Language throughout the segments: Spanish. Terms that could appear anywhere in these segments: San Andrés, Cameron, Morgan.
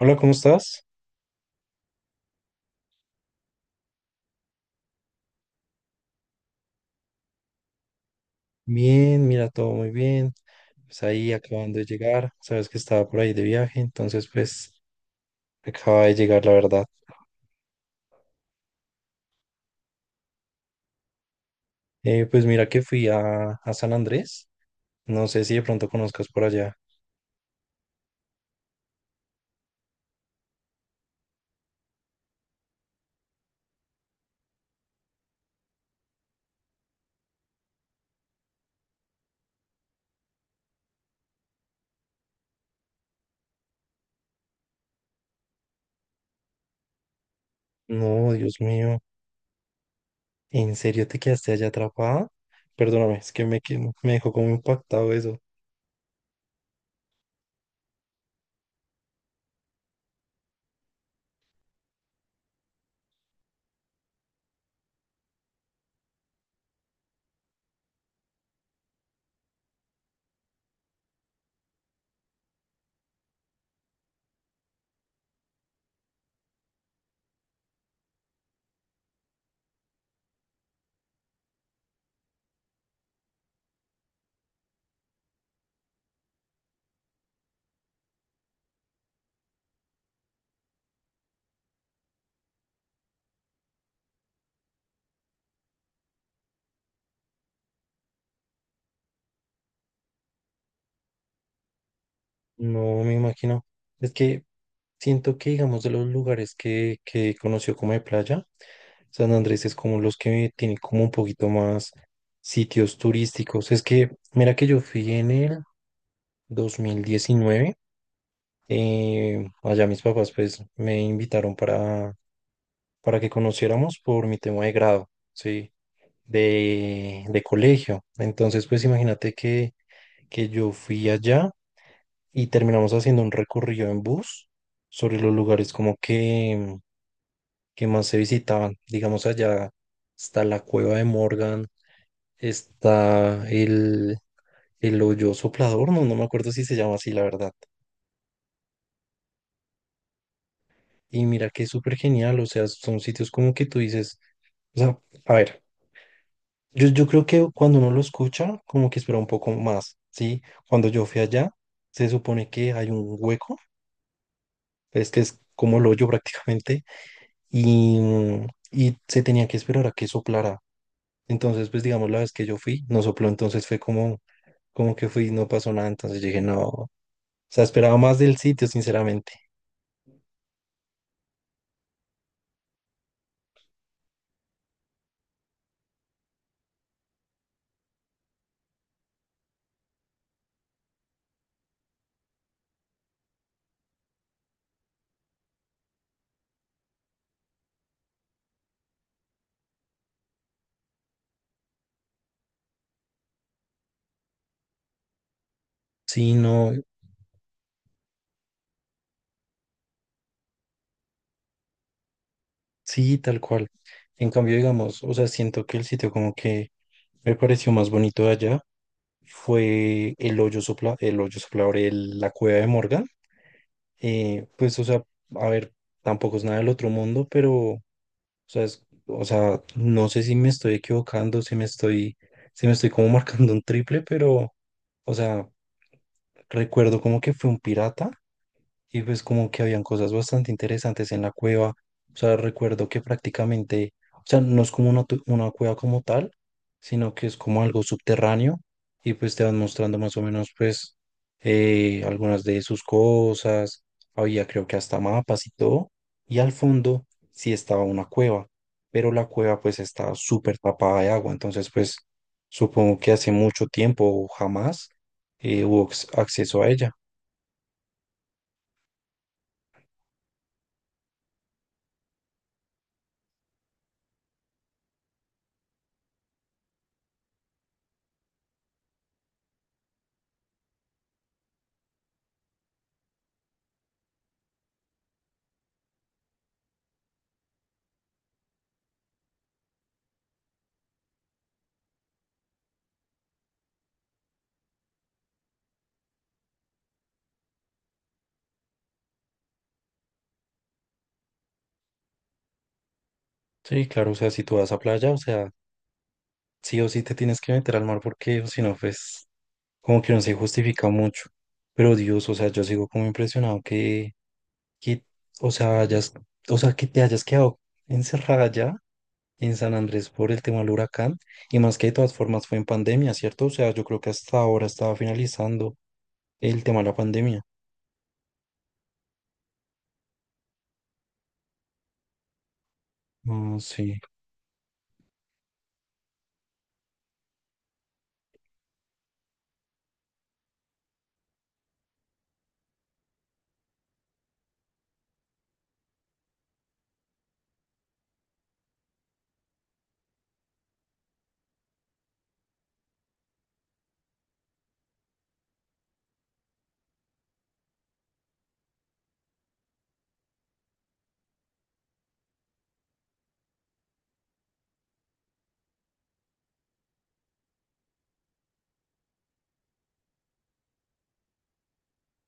Hola, ¿cómo estás? Bien, mira, todo muy bien. Pues ahí acabando de llegar, sabes que estaba por ahí de viaje, entonces pues acaba de llegar, la verdad. Pues mira que fui a San Andrés, no sé si de pronto conozcas por allá. No, Dios mío, ¿en serio te quedaste allá atrapada? Perdóname, es que me dejó como impactado eso. No me imagino. Es que siento que, digamos, de los lugares que conoció como de playa, San Andrés es como los que tienen como un poquito más sitios turísticos. Es que, mira que yo fui en el 2019. Allá mis papás pues me invitaron para que conociéramos por mi tema de grado, ¿sí? De colegio. Entonces pues imagínate que yo fui allá y terminamos haciendo un recorrido en bus sobre los lugares como que más se visitaban. Digamos allá está la cueva de Morgan, está el hoyo soplador, no me acuerdo si se llama así, la verdad. Y mira que es súper genial, o sea, son sitios como que tú dices, o sea, a ver, yo creo que cuando uno lo escucha, como que espera un poco más, ¿sí? Cuando yo fui allá, se supone que hay un hueco, es que es como el hoyo prácticamente, y, y se tenía que esperar a que soplara. Entonces, pues digamos, la vez que yo fui, no sopló, entonces fue como, como que fui, no pasó nada, entonces yo dije, no, o sea, esperaba más del sitio, sinceramente. Sí, no, sí, tal cual. En cambio, digamos, o sea, siento que el sitio como que me pareció más bonito de allá fue el hoyo soplador, la cueva de Morgan. Pues, o sea, a ver, tampoco es nada del otro mundo, pero, o sea, o sea, no sé si me estoy equivocando, si me estoy como marcando un triple, pero, o sea, recuerdo como que fue un pirata y pues como que habían cosas bastante interesantes en la cueva. O sea, recuerdo que prácticamente, o sea, no es como una cueva como tal, sino que es como algo subterráneo y pues te van mostrando más o menos pues algunas de sus cosas, había creo que hasta mapas y todo, y al fondo sí estaba una cueva, pero la cueva pues estaba súper tapada de agua, entonces pues supongo que hace mucho tiempo o jamás hubo acceso a ella. Sí, claro, o sea, si tú vas a playa, o sea, sí o sí te tienes que meter al mar porque o si no, pues como que no se justifica mucho. Pero Dios, o sea, yo sigo como impresionado que, o sea, o sea, que te hayas quedado encerrada ya en San Andrés por el tema del huracán. Y más que de todas formas fue en pandemia, ¿cierto? O sea, yo creo que hasta ahora estaba finalizando el tema de la pandemia. No, sí.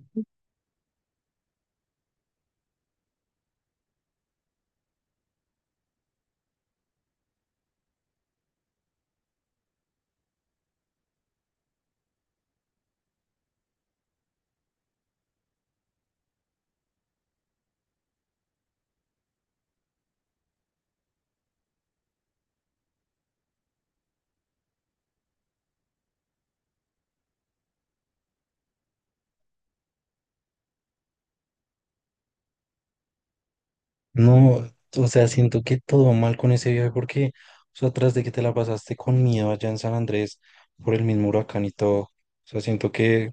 No, o sea, siento que todo mal con ese viaje porque, o sea, tras de que te la pasaste con miedo allá en San Andrés por el mismo huracán y todo, o sea, siento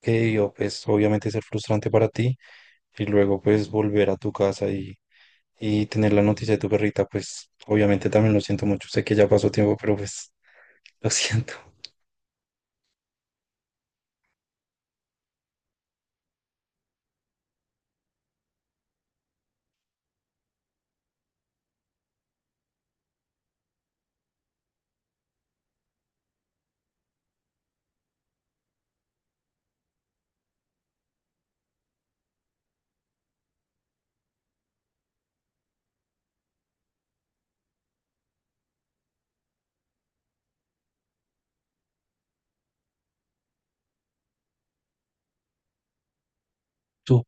que debió, pues, obviamente ser frustrante para ti. Y luego pues volver a tu casa y tener la noticia de tu perrita, pues obviamente también lo siento mucho. Sé que ya pasó tiempo, pero pues lo siento. Tú,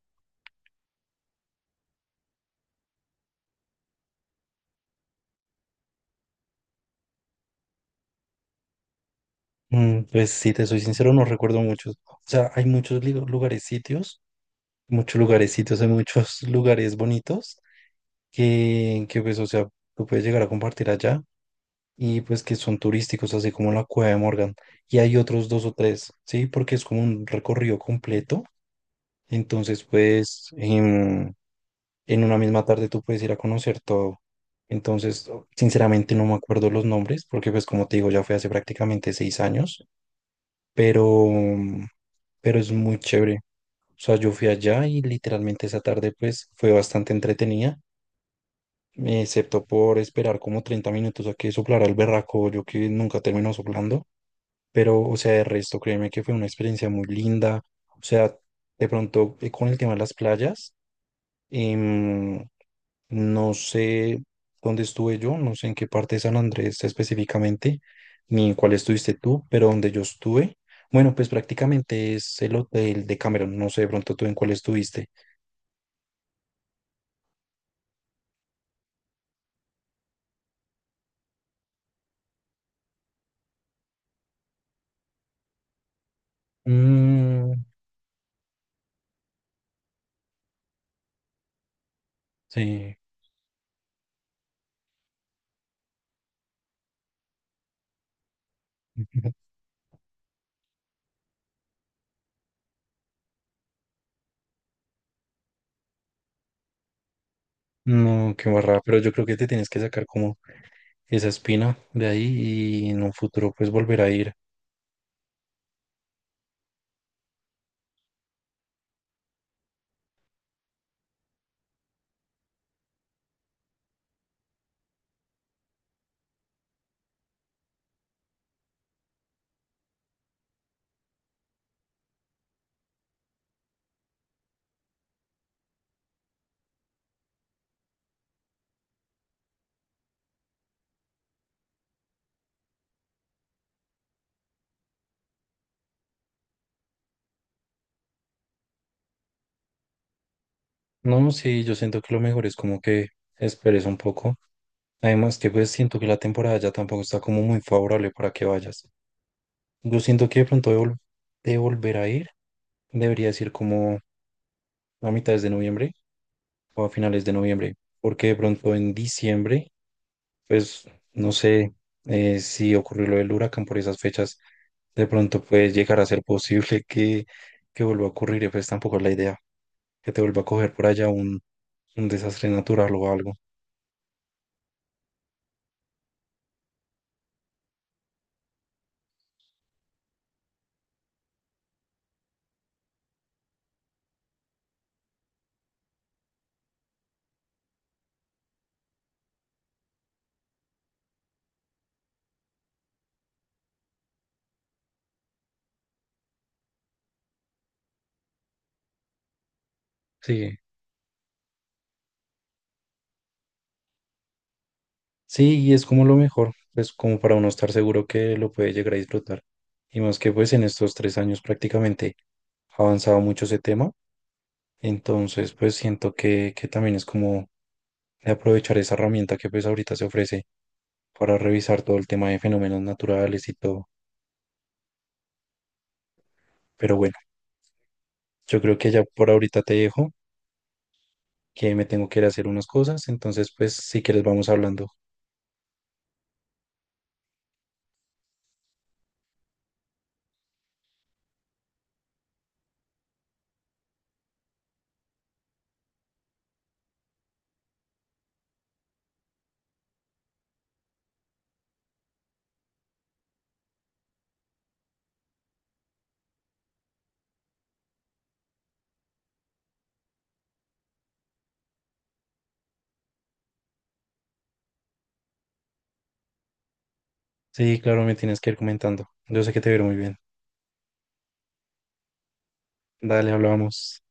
pues si te soy sincero, no recuerdo muchos. O sea, hay muchos lugares, sitios, muchos lugares, sitios, hay muchos lugares bonitos que pues, o sea, tú puedes llegar a compartir allá. Y pues que son turísticos, así como la Cueva de Morgan. Y hay otros dos o tres, ¿sí? Porque es como un recorrido completo. Entonces, pues, en una misma tarde tú puedes ir a conocer todo. Entonces, sinceramente no me acuerdo los nombres, porque pues como te digo, ya fue hace prácticamente 6 años, pero, pero es muy chévere. O sea, yo fui allá y literalmente esa tarde pues fue bastante entretenida, excepto por esperar como 30 minutos a que soplara el berraco, yo que nunca terminó soplando, pero o sea, de resto, créeme que fue una experiencia muy linda. O sea, de pronto con el tema de las playas. Em, no sé dónde estuve yo, no sé en qué parte de San Andrés específicamente, ni en cuál estuviste tú, pero donde yo estuve, bueno, pues prácticamente es el hotel de Cameron, no sé de pronto tú en cuál estuviste. Mm, sí. No, qué barra, pero yo creo que te tienes que sacar como esa espina de ahí y en un futuro pues volver a ir. No, sí, yo siento que lo mejor es como que esperes un poco. Además que pues siento que la temporada ya tampoco está como muy favorable para que vayas. Yo siento que de volver a ir debería ser como a mitades de noviembre o a finales de noviembre, porque de pronto en diciembre, pues no sé si ocurrió lo del huracán por esas fechas, de pronto puede llegar a ser posible que vuelva a ocurrir y pues tampoco es la idea que te vuelva a coger por allá un desastre natural o algo. Sí. Sí, y es como lo mejor, pues como para uno estar seguro que lo puede llegar a disfrutar. Y más que pues en estos 3 años prácticamente ha avanzado mucho ese tema, entonces pues siento que también es como de aprovechar esa herramienta que pues ahorita se ofrece para revisar todo el tema de fenómenos naturales y todo. Pero bueno, yo creo que ya por ahorita te dejo, que me tengo que ir a hacer unas cosas, entonces pues si quieres vamos hablando. Sí, claro, me tienes que ir comentando. Yo sé que te veo muy bien. Dale, hablamos.